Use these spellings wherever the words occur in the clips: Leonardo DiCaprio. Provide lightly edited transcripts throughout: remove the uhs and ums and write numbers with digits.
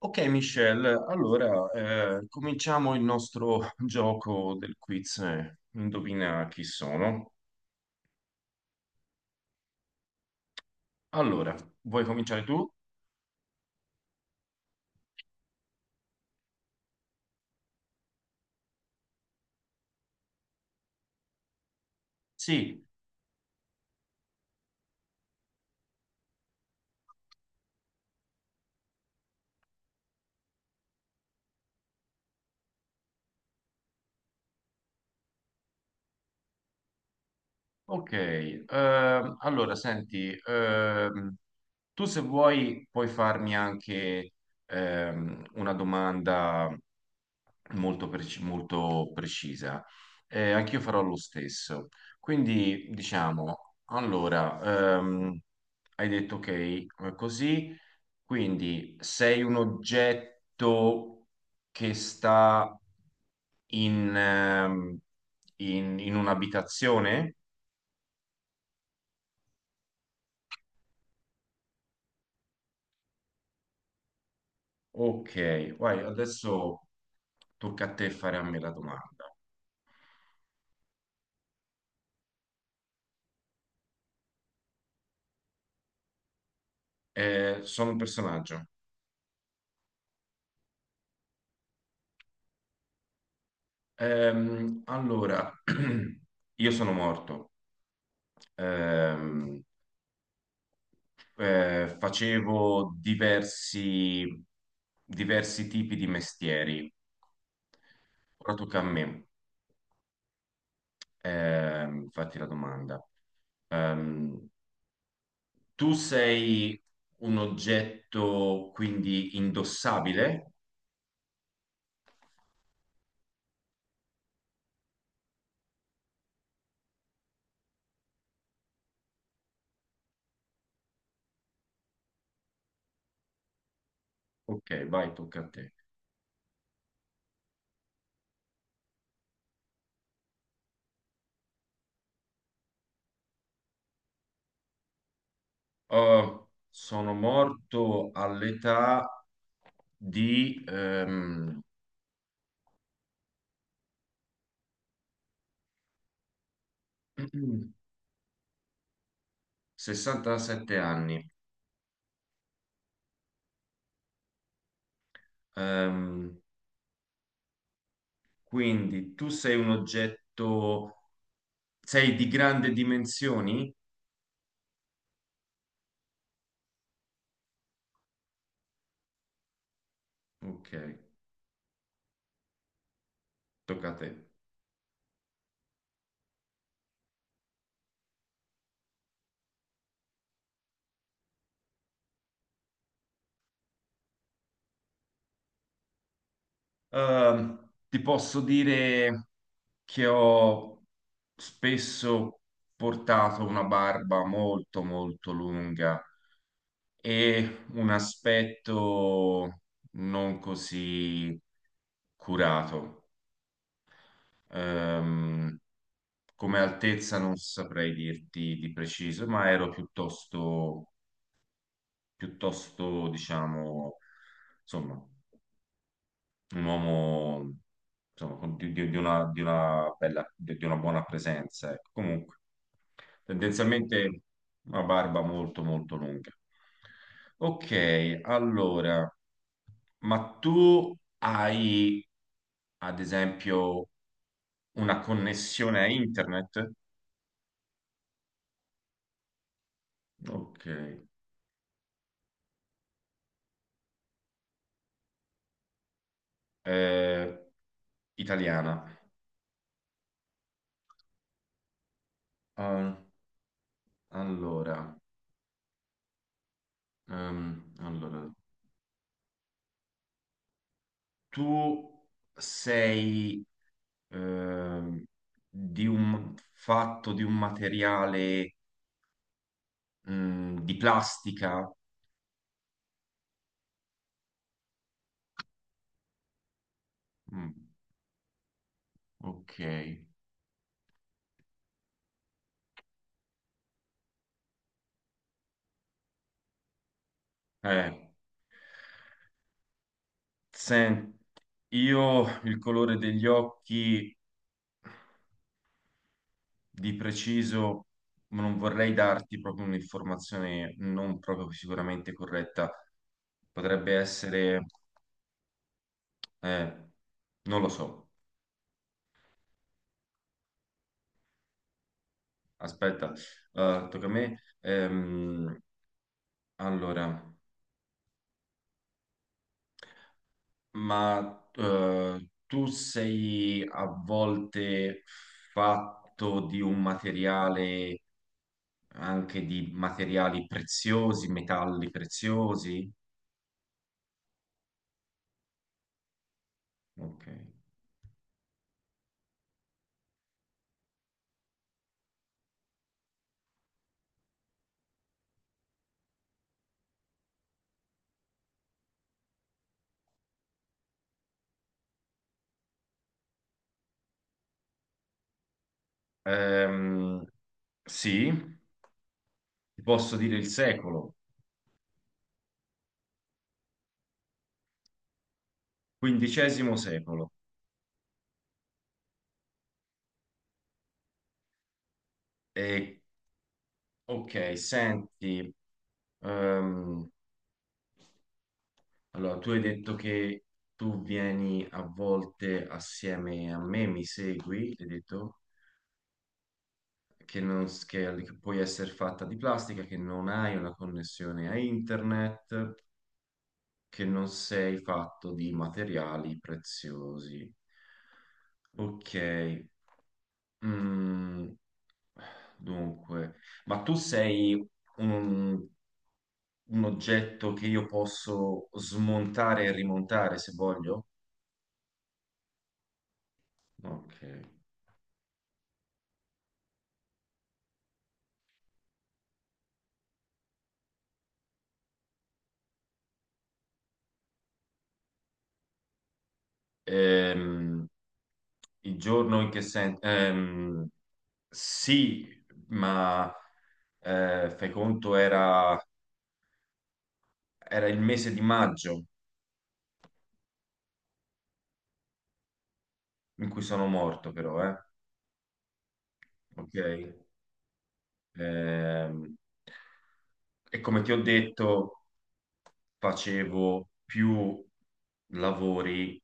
Ok, Michelle, allora cominciamo il nostro gioco del quiz. Indovina chi sono. Allora, vuoi cominciare tu? Sì. Ok, allora senti, tu se vuoi puoi farmi anche una domanda molto, molto precisa. Anch'io farò lo stesso. Quindi diciamo, allora, hai detto ok, così, quindi sei un oggetto che sta in, ehm, in un'abitazione? Ok, vai, adesso tocca a te fare a me la domanda. Sono un personaggio. Allora, io sono morto. Ehm, facevo diversi tipi di mestieri. Ora tocca a me. Fatti la domanda. Ehm, Tu sei un oggetto quindi indossabile? Ok, vai, tocca a te. Sono morto all'età di 67 anni. Ehm, quindi tu sei un oggetto, sei di grandi dimensioni? Ok, tocca a te. Ti posso dire che ho spesso portato una barba molto molto lunga e un aspetto non così curato. Ehm, Come altezza non saprei dirti di preciso, ma ero piuttosto, piuttosto, diciamo, insomma, un uomo insomma, di una bella, di una buona presenza, ecco. Comunque, tendenzialmente una barba molto, molto lunga. Ok, allora. Ma tu hai, ad esempio, una connessione a internet? Ok. Eh, italiana. Ah, allora, allora, tu sei ehm, di un fatto di un materiale di plastica? Mm, ok. Eh, sen- io il colore degli occhi di preciso, ma non vorrei darti proprio un'informazione non proprio sicuramente corretta. Potrebbe essere, eh, non lo so. Aspetta, tocca a me. Allora, ma tu sei a volte fatto di un materiale, anche di materiali preziosi, metalli preziosi? Ok. Ehm, sì, ti posso dire il secolo, quindicesimo secolo. E, ok, senti, ehm, allora tu hai detto che tu vieni a volte assieme a me, mi segui, hai detto che, non, s- che puoi essere fatta di plastica, che non hai una connessione a internet, che non sei fatto di materiali preziosi. Ok. Mm. Dunque, ma tu sei un, un oggetto che io posso smontare e rimontare se voglio? Ok. Ehm, il giorno in che senso? Sì, ma eh, fai conto era, era il mese di maggio in cui sono morto, però, eh? Ok. Ehm, e come ti ho detto, facevo più lavori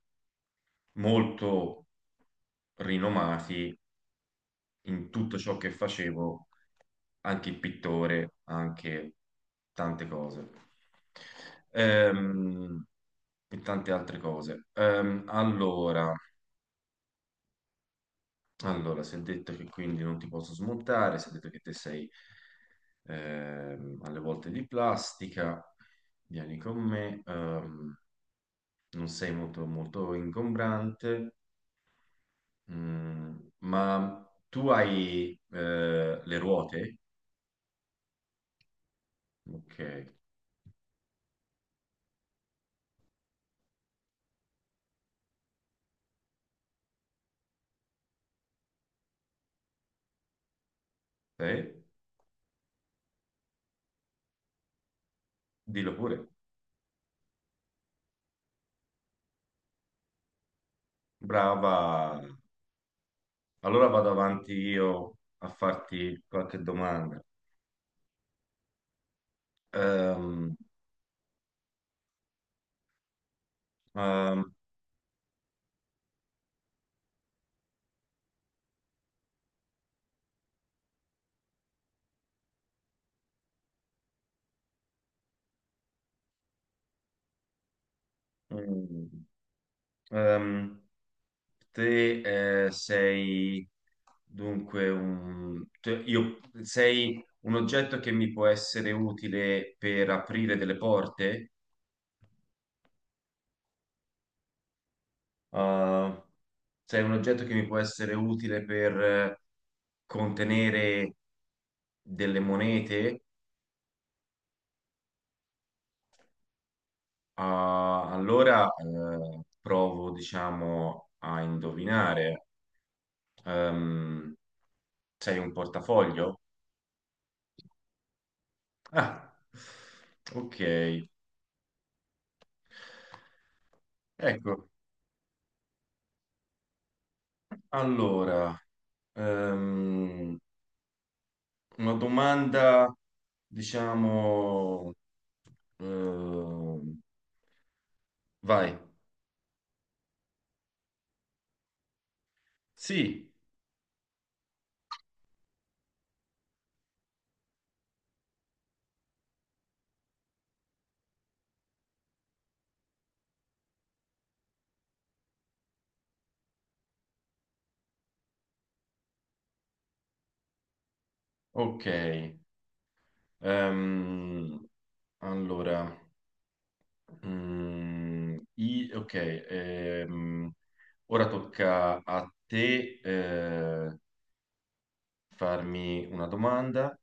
molto rinomati in tutto ciò che facevo, anche il pittore, anche tante cose. Ehm, e tante altre cose. Allora, allora, si è detto che quindi non ti posso smontare, si è detto che te sei alle volte di plastica, vieni con me, non sei molto, molto ingombrante. Mm, ma tu hai le ruote? Ok, sì, dillo pure. Brava. Allora vado avanti io a farti qualche domanda. Ehm, ehm, mm, ehm, Te sei dunque sei un oggetto che mi può essere utile per aprire delle porte? Uh, sei un oggetto che mi può essere utile per contenere delle monete, ah, allora provo, diciamo, a indovinare. Ehm, Sei un portafoglio? Ah, ok. Ecco, allora, ehm, una domanda, diciamo, ehm, vai. Sì, ok. Ehm, allora, ok, ora tocca a te farmi una domanda.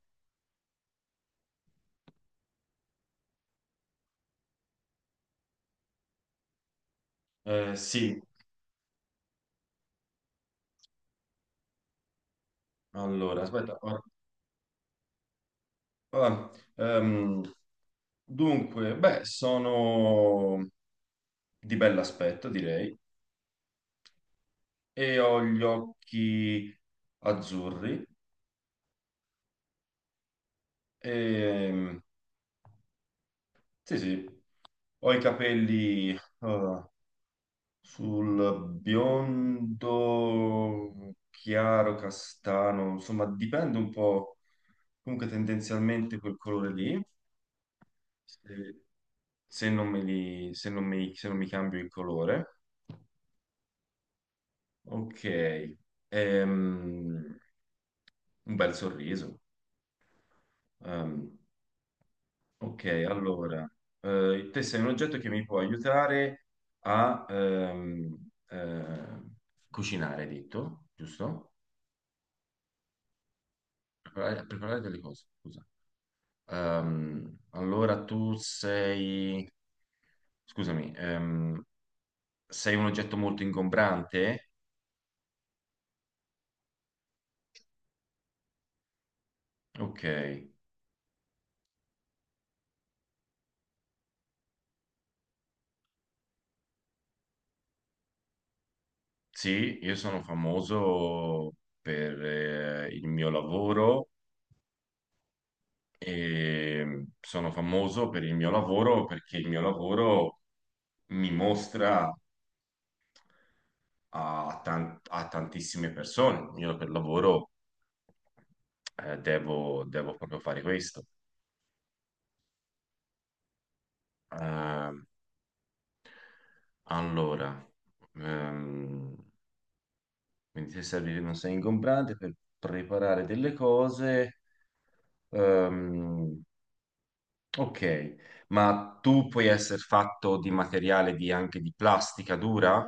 Sì, allora, aspetta. Ah, ehm, Dunque, beh, sono di bell'aspetto, direi, e ho gli occhi azzurri. E, sì, sì, ho i capelli... eh, sul biondo chiaro, castano, insomma, dipende un po', comunque tendenzialmente quel colore lì, se, se non me li, se non mi, se non mi cambio il colore. Ok. Ehm, un bel sorriso. Ehm, ok, allora, te sei un oggetto che mi può aiutare a cucinare, hai detto, giusto? Preparare, a preparare delle cose, scusa. Allora tu sei, scusami, sei un oggetto molto ingombrante? Ok, sì, io sono famoso per il mio lavoro e sono famoso per il mio lavoro perché il mio lavoro mi mostra a tantissime persone. Io per lavoro devo, devo proprio fare questo. Ehm, allora, ehm, quindi se serve non sei ingombrante per preparare delle cose. ehm, ok, ma tu puoi essere fatto di materiale anche di plastica dura?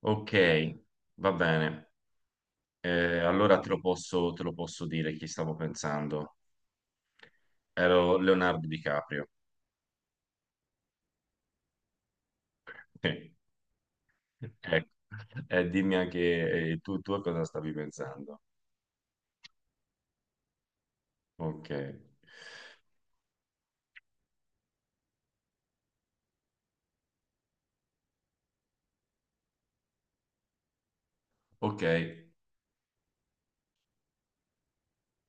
Ok, va bene. Allora te lo posso dire chi stavo pensando. Ero Leonardo DiCaprio. Ecco. Dimmi anche tu a cosa stavi pensando. Ok. Ok.